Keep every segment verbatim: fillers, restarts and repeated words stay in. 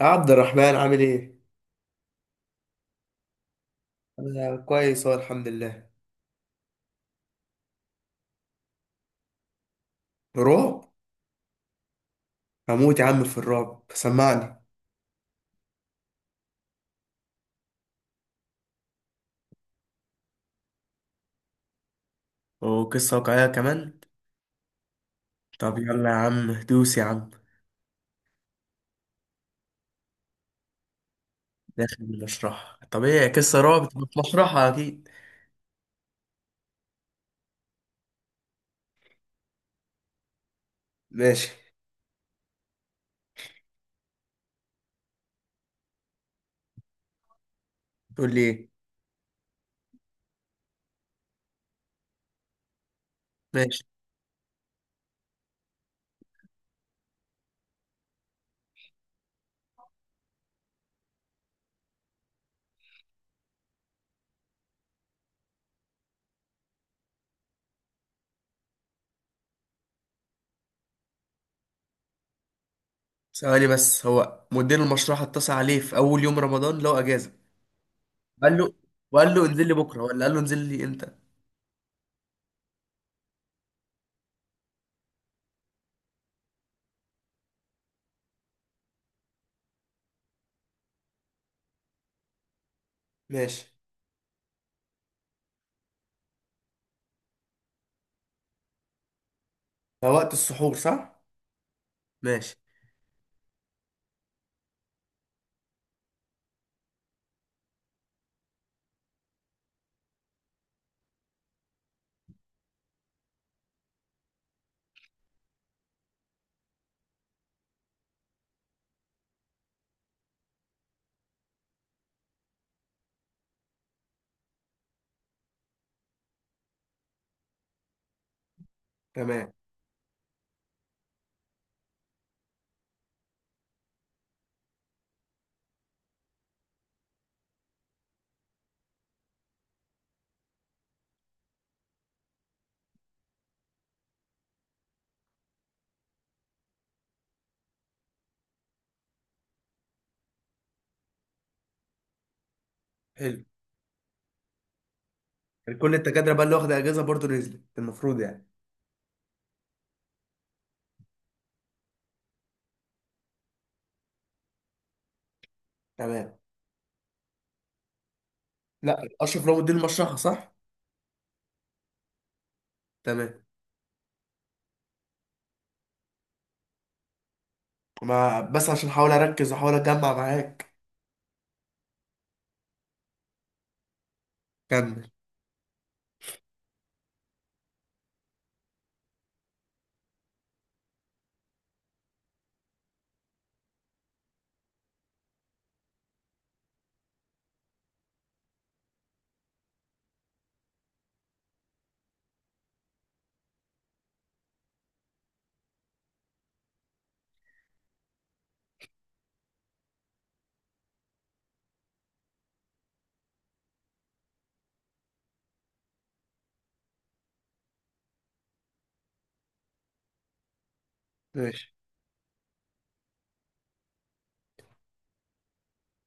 عبد الرحمن عامل ايه؟ انا كويس اهو الحمد لله. رعب؟ هموت يا عم في الرعب، سمعني. وقصة واقعية كمان؟ طب يلا يا عم دوس يا عم. داخل المشرحة طبيعي، قصة رعب تبقى في مشرحة أكيد. ماشي. تقول لي ايه؟ ماشي. ثواني بس، هو مدير المشرحة اتصل عليه في أول يوم رمضان لو أجازة؟ قال له وقال له انزل لي بكرة، ولا قال له انزل لي امتى؟ ماشي. ده وقت السحور صح؟ ماشي. تمام. حلو. كل الدكاتره بقى اللي واخده اجازه برضه نزلت المفروض يعني. تمام. لا اشرف رام الدين مشرحه صح؟ تمام. ما بس عشان احاول اركز واحاول اجمع معاك. كمل. ماشي.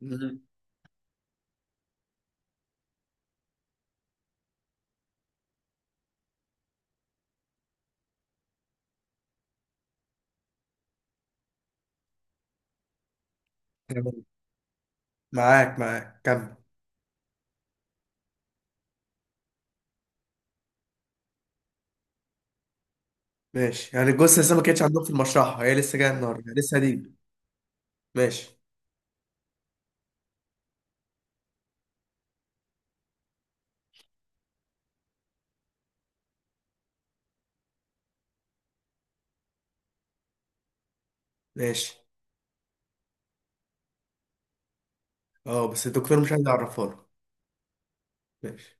مم. تمام. معاك معاك، كمل. ماشي، يعني الجثه لسه ما كانتش عندهم في المشرحه، هي لسه جايه النهارده لسه هتيجي. ماشي. ماشي. اه بس الدكتور مش عايز يعرفها له. ماشي.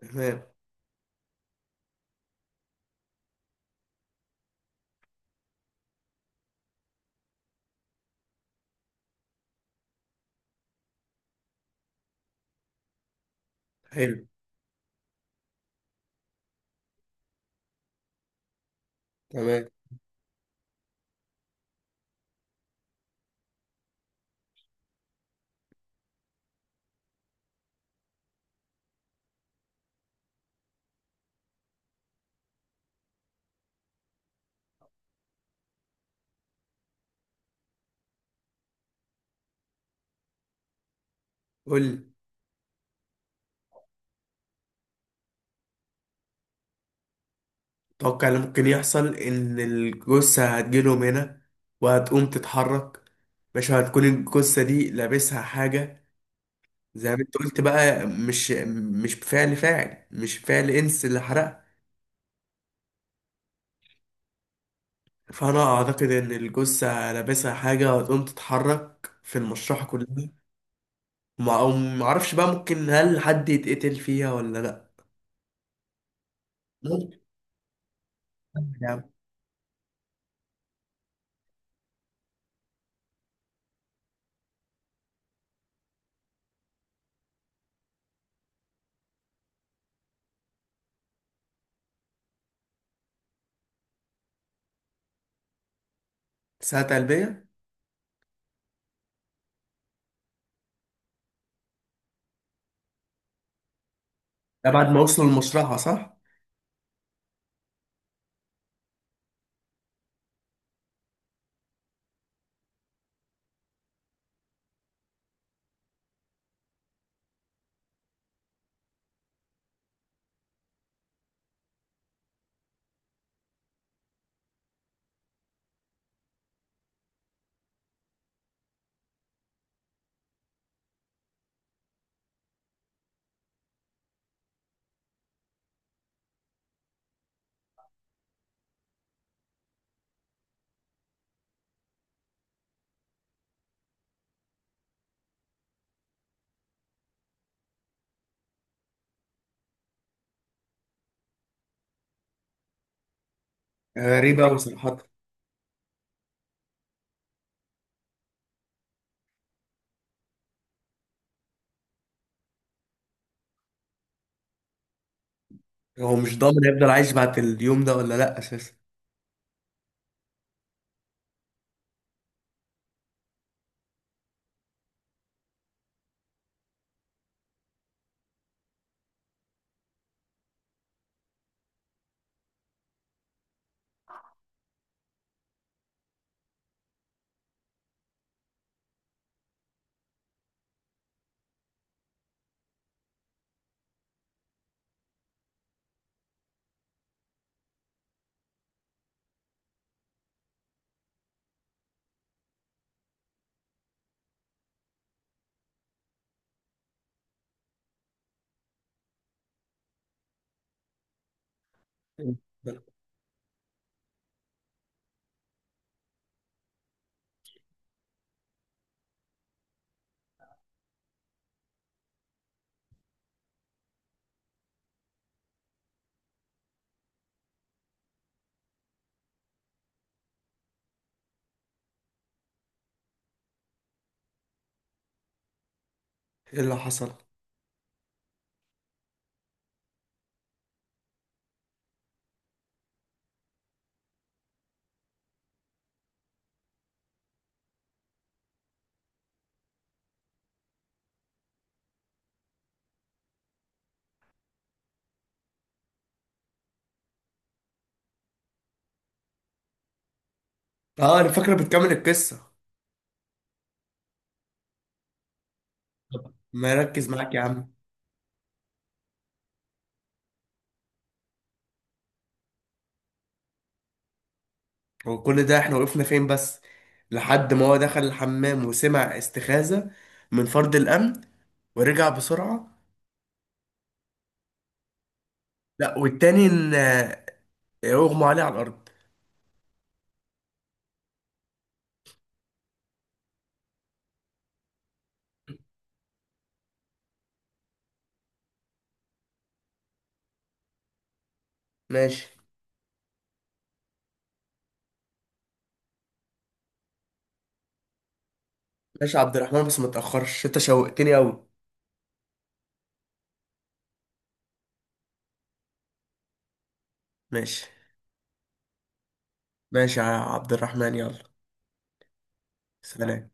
تمام. حلو. تمام. قول لي، اتوقع اللي ممكن يحصل ان الجثة هتجيلهم هنا وهتقوم تتحرك. مش هتكون الجثة دي لابسها حاجة زي ما انت قلت بقى؟ مش مش فعل فاعل، مش فعل انس اللي حرقها. فانا اعتقد ان الجثة لابسها حاجة وهتقوم تتحرك في المشرحة كلها. ما معرفش بقى، ممكن هل حد يتقتل فيها ولا لا؟ ممكن يعني. ساعة قلبية. ده بعد ما وصلوا المشرحة صح؟ غريبة أوي صراحة. هو مش ضامن هيفضل عايش بعد اليوم ده ولا لا اساسا؟ ايه اللي حصل؟ اه انا فاكره، بتكمل القصه. طب ما يركز معاك يا عم. هو كل ده احنا وقفنا فين بس؟ لحد ما هو دخل الحمام وسمع استخاذه من فرد الامن ورجع بسرعه. لا، والتاني ان آه، اغمى عليه على الارض. ماشي. ماشي يا عبد الرحمن، بس ما تاخرش انت شوقتني قوي. ماشي. ماشي يا عبد الرحمن، يلا. سلام.